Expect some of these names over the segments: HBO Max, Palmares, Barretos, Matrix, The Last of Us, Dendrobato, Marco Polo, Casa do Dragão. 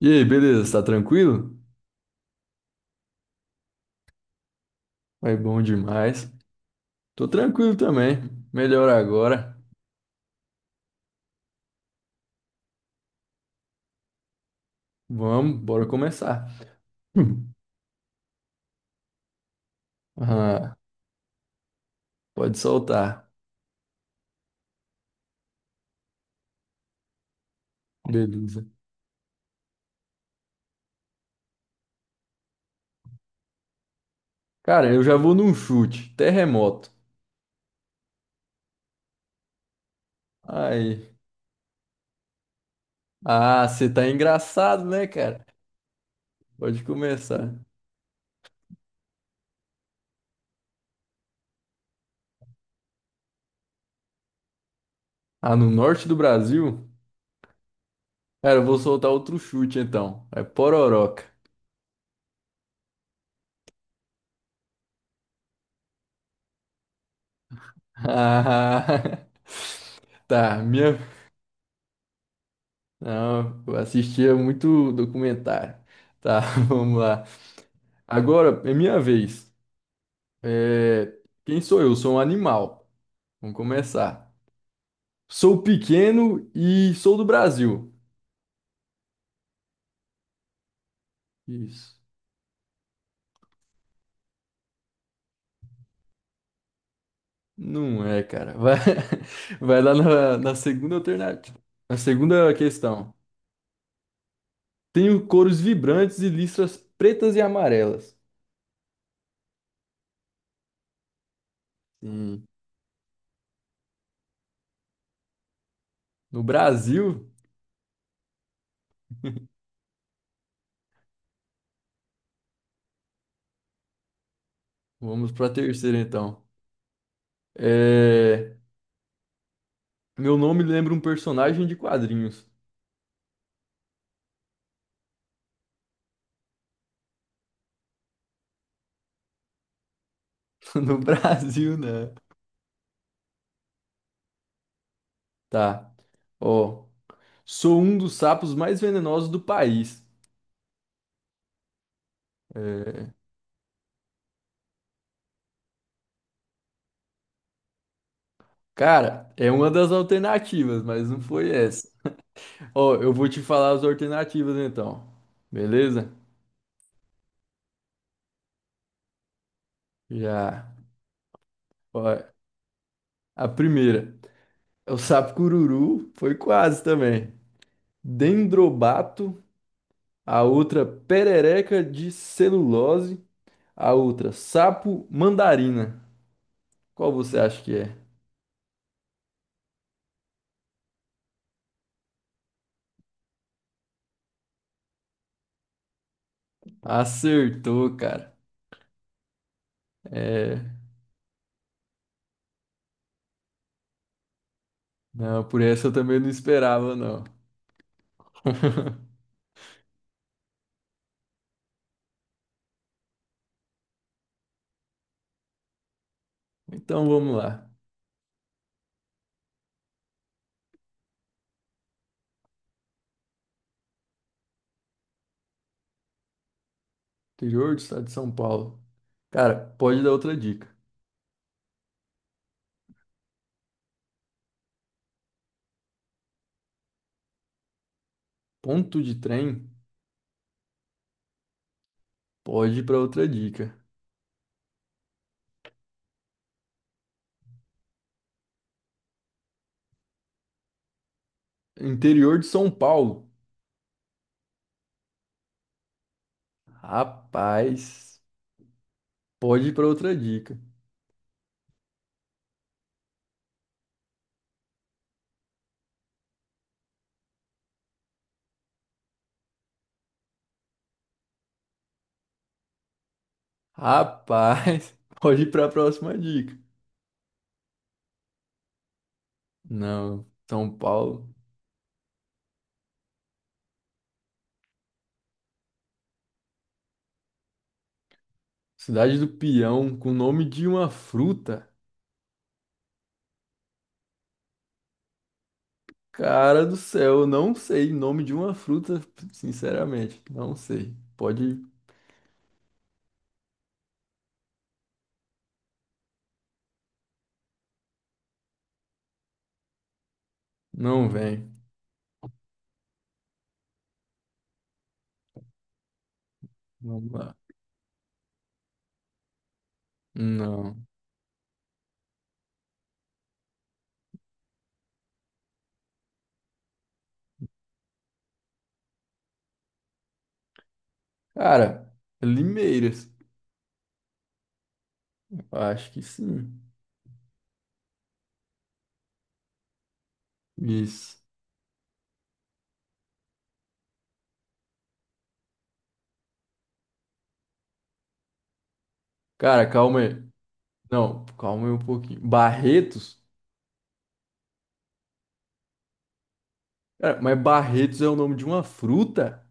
E aí, beleza? Tá tranquilo? Vai bom demais. Tô tranquilo também. Melhor agora. Vamos, bora começar. Hum. Ah, pode soltar. Beleza. Cara, eu já vou num chute. Terremoto. Aí. Ah, você tá engraçado, né, cara? Pode começar. Ah, no norte do Brasil? Cara, eu vou soltar outro chute então. É pororoca. Ah, tá, minha. Não, eu assistia muito documentário. Tá, vamos lá. Agora é minha vez. É, quem sou eu? Sou um animal. Vamos começar. Sou pequeno e sou do Brasil. Isso. Não é, cara. Vai, vai lá na segunda alternativa. Na segunda questão. Tenho cores vibrantes e listras pretas e amarelas. Sim. No Brasil, vamos para a terceira então. É, meu nome lembra um personagem de quadrinhos. No Brasil, né? Tá. Ó. Sou um dos sapos mais venenosos do país. É, cara, é uma das alternativas, mas não foi essa. Ó, eu vou te falar as alternativas então. Beleza? Já. Ó, a primeira é o sapo cururu, foi quase também. Dendrobato, a outra perereca de celulose, a outra sapo mandarina. Qual você acha que é? Acertou, cara. É. Não, por essa eu também não esperava, não. Então vamos lá. Interior do estado de São Paulo. Cara, pode dar outra dica. Ponto de trem? Pode ir para outra dica. Interior de São Paulo. Rapaz, pode ir para outra dica. Rapaz, pode ir para a próxima dica. Não, São Paulo. Cidade do Peão, com o nome de uma fruta. Cara do céu, eu não sei o nome de uma fruta, sinceramente, não sei. Pode, não vem. Vamos lá. Não. Cara, limeiras. Eu acho que sim. Isso. Cara, calma aí. Não, calma aí um pouquinho. Barretos? Cara, mas Barretos é o nome de uma fruta?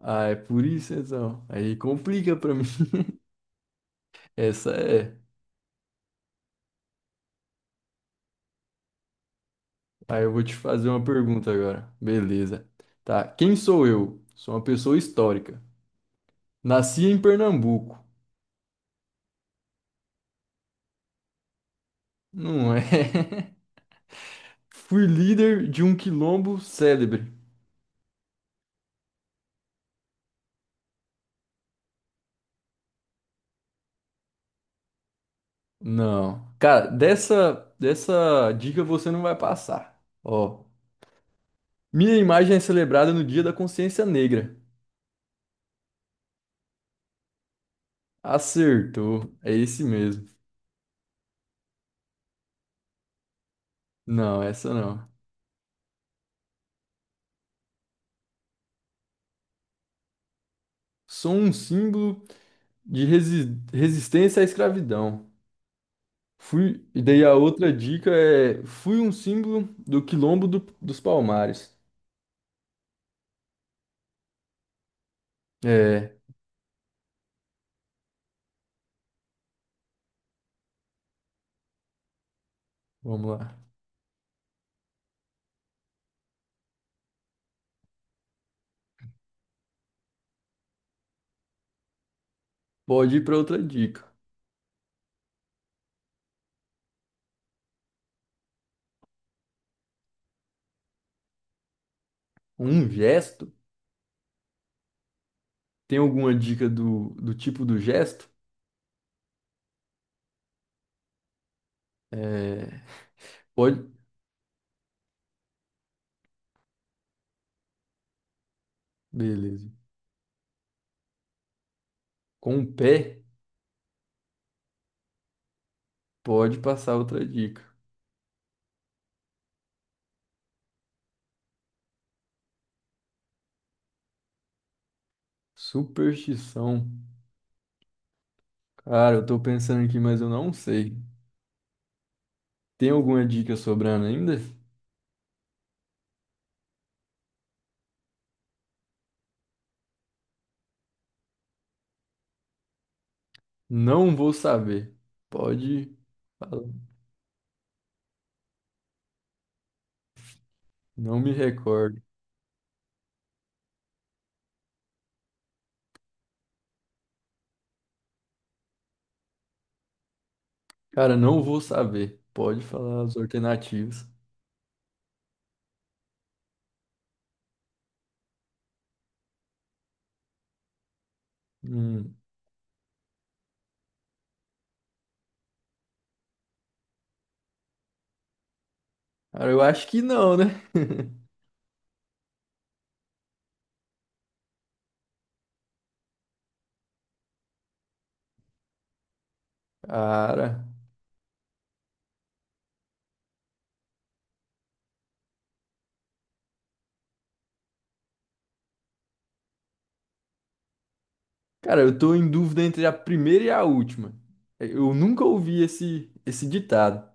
Ah, é por isso então. Aí complica pra mim. Essa é. Aí eu vou te fazer uma pergunta agora. Beleza. Tá. Quem sou eu? Sou uma pessoa histórica. Nasci em Pernambuco. Não é. Fui líder de um quilombo célebre. Não. Cara, dessa dica você não vai passar. Ó. Minha imagem é celebrada no Dia da Consciência Negra. Acertou. É esse mesmo. Não, essa não. Sou um símbolo de resistência à escravidão. Fui. E daí a outra dica é: fui um símbolo do dos Palmares. É, vamos lá. Pode ir para outra dica. Um gesto? Tem alguma dica do tipo do gesto? É, pode. Beleza. Com o pé, pode passar outra dica. Superstição. Cara, eu tô pensando aqui, mas eu não sei. Tem alguma dica sobrando ainda? Não vou saber. Pode falar. Não me recordo. Cara, não vou saber. Pode falar as alternativas. Hum. Cara, eu acho que não, né? Cara. Cara, eu tô em dúvida entre a primeira e a última. Eu nunca ouvi esse ditado.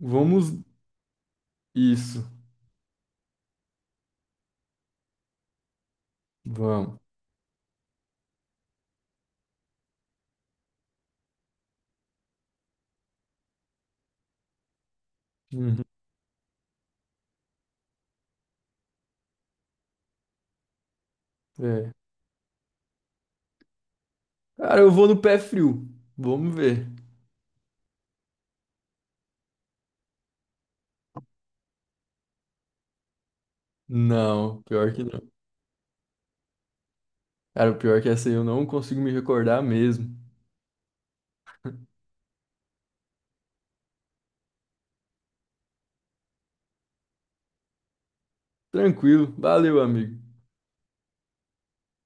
Vamos. Isso. Vamos. Uhum. É. Cara, eu vou no pé frio. Vamos ver. Não, pior que não. Cara, o pior é que essa aí eu não consigo me recordar mesmo. Tranquilo. Valeu, amigo.